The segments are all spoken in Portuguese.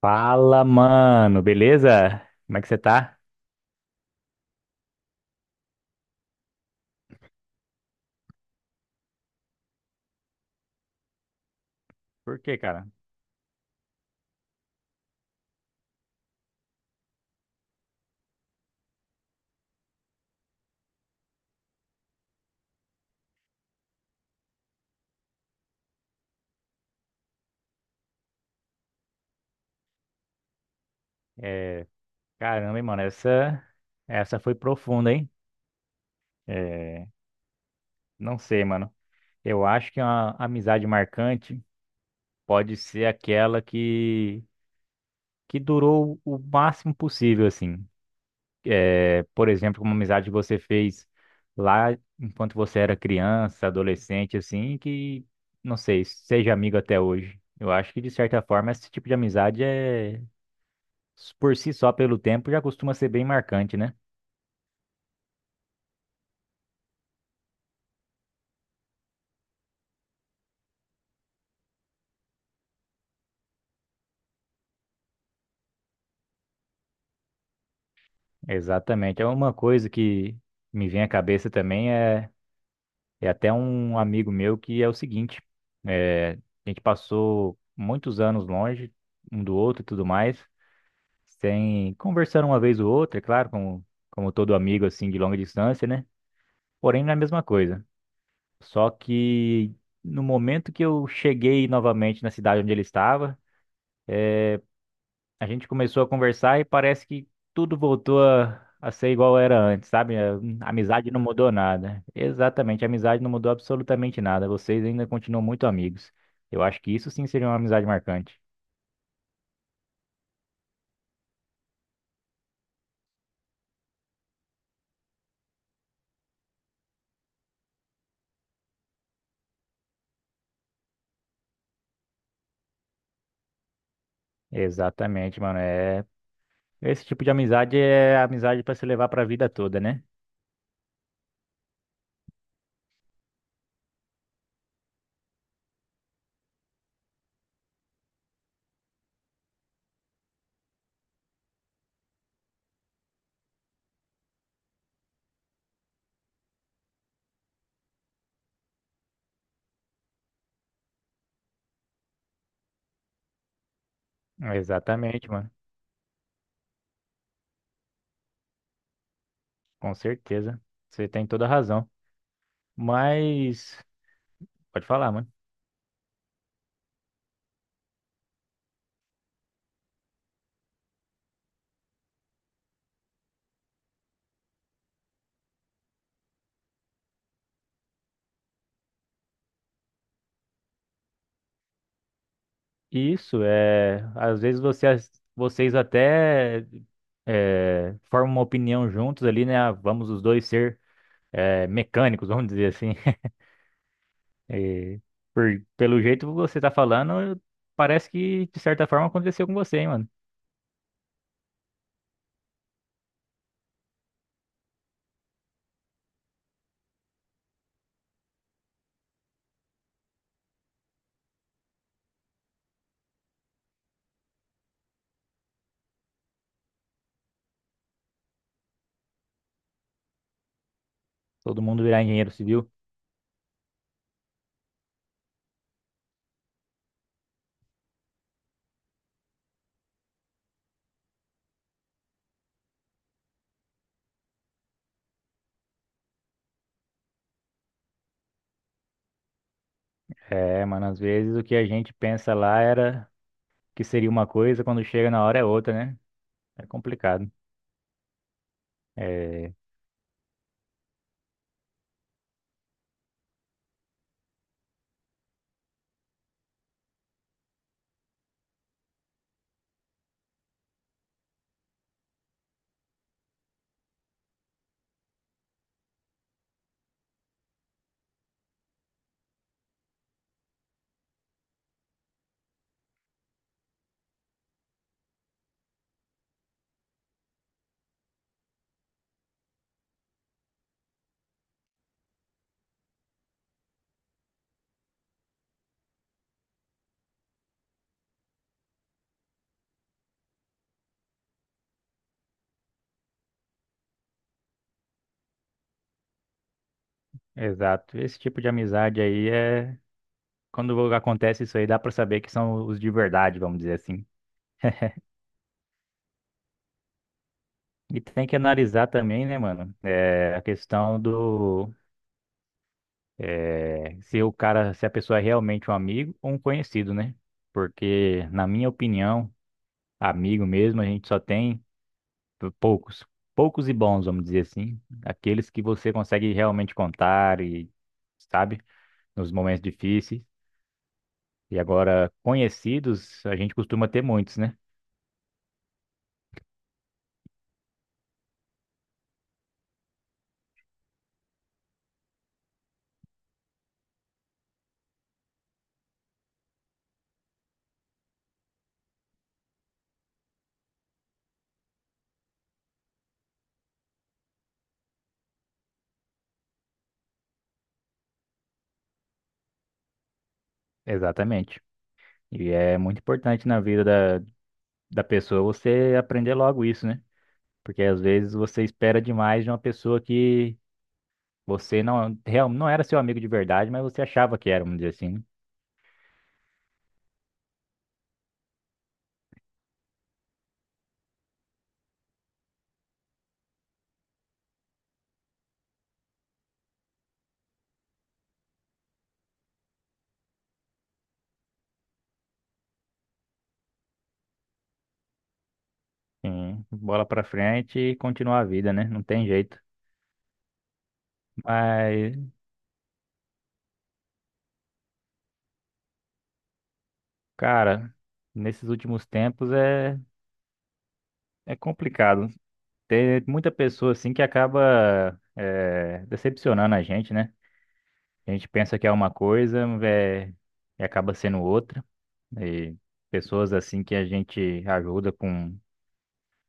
Fala, mano, beleza? Como é que você tá? Por quê, cara? É, caramba, hein, mano, essa foi profunda, hein? É, não sei, mano. Eu acho que uma amizade marcante pode ser aquela que durou o máximo possível, assim. É, por exemplo, uma amizade que você fez lá enquanto você era criança, adolescente, assim, que, não sei, seja amigo até hoje. Eu acho que, de certa forma, esse tipo de amizade é, por si só, pelo tempo, já costuma ser bem marcante, né? Exatamente. É uma coisa que me vem à cabeça também é, é até um amigo meu que é o seguinte: é, a gente passou muitos anos longe um do outro e tudo mais, sem conversar uma vez ou outra, é claro, como todo amigo assim de longa distância, né? Porém, não é a mesma coisa. Só que no momento que eu cheguei novamente na cidade onde ele estava, a gente começou a conversar e parece que tudo voltou a ser igual era antes, sabe? A amizade não mudou nada. Exatamente, a amizade não mudou absolutamente nada. Vocês ainda continuam muito amigos. Eu acho que isso sim seria uma amizade marcante. Exatamente, mano. É... Esse tipo de amizade é amizade pra se levar pra vida toda, né? Exatamente, mano. Com certeza. Você tem toda a razão. Mas. Pode falar, mano. Isso é, às vezes você, vocês até é, formam uma opinião juntos ali, né? Ah, vamos os dois ser é, mecânicos, vamos dizer assim. E pelo jeito que você tá falando, parece que de certa forma aconteceu com você, hein, mano? Todo mundo virar engenheiro civil. É, mano, às vezes o que a gente pensa lá era que seria uma coisa, quando chega na hora é outra, né? É complicado. É, exato. Esse tipo de amizade aí é quando acontece isso aí, dá pra saber que são os de verdade, vamos dizer assim. E tem que analisar também, né, mano, é, a questão do é, se o cara, se a pessoa é realmente um amigo ou um conhecido, né? Porque, na minha opinião, amigo mesmo, a gente só tem poucos, poucos e bons, vamos dizer assim, aqueles que você consegue realmente contar e, sabe, nos momentos difíceis. E agora, conhecidos, a gente costuma ter muitos, né? Exatamente. E é muito importante na vida da, da pessoa você aprender logo isso, né? Porque às vezes você espera demais de uma pessoa que você não, real, não era seu amigo de verdade, mas você achava que era, vamos dizer assim, né? Sim, bola pra frente e continuar a vida, né? Não tem jeito. Mas, cara, nesses últimos tempos é, é complicado. Tem muita pessoa assim que acaba é, decepcionando a gente, né? A gente pensa que é uma coisa, é, e acaba sendo outra. E pessoas assim que a gente ajuda com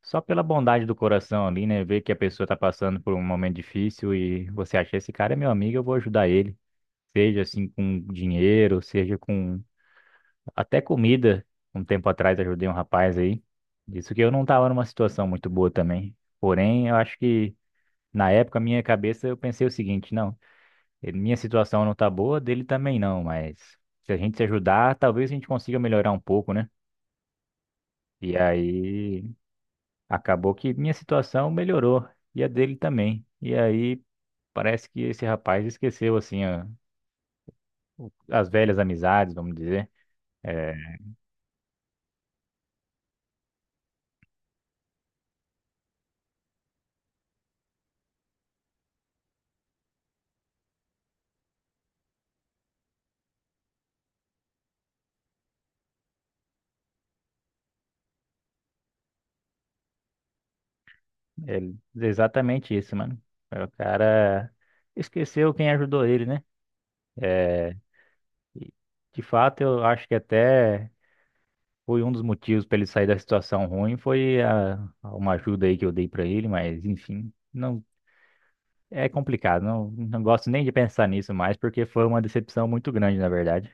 só pela bondade do coração ali, né? Ver que a pessoa tá passando por um momento difícil e você acha, esse cara é meu amigo, eu vou ajudar ele. Seja assim com dinheiro, seja com até comida. Um tempo atrás ajudei um rapaz aí. Isso que eu não tava numa situação muito boa também. Porém, eu acho que na época, minha cabeça, eu pensei o seguinte, não, minha situação não tá boa, dele também não, mas se a gente se ajudar, talvez a gente consiga melhorar um pouco, né? E aí, acabou que minha situação melhorou e a dele também. E aí parece que esse rapaz esqueceu assim as velhas amizades, vamos dizer. É, exatamente isso, mano. É, o cara esqueceu quem ajudou ele, né? É, e, de fato, eu acho que até foi um dos motivos para ele sair da situação ruim, foi a uma ajuda aí que eu dei para ele, mas enfim, não é complicado. Não, não gosto nem de pensar nisso mais, porque foi uma decepção muito grande, na verdade.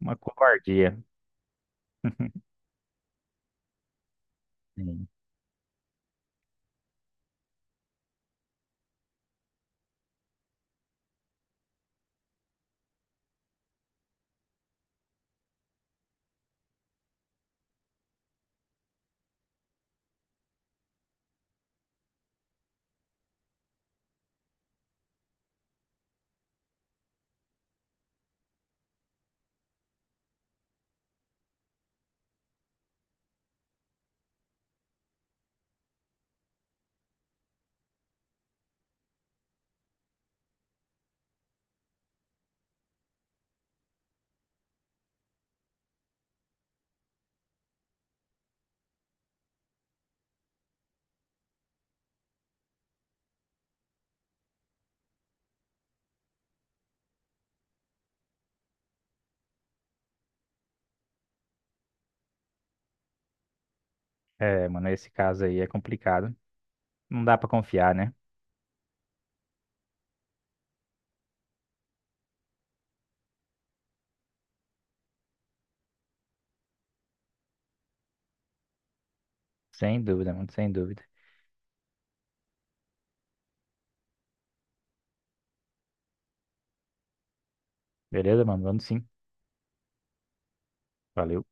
Uma covardia. Sim. É, mano, esse caso aí é complicado. Não dá pra confiar, né? Sem dúvida, mano, sem dúvida. Beleza, mano? Vamos sim. Valeu.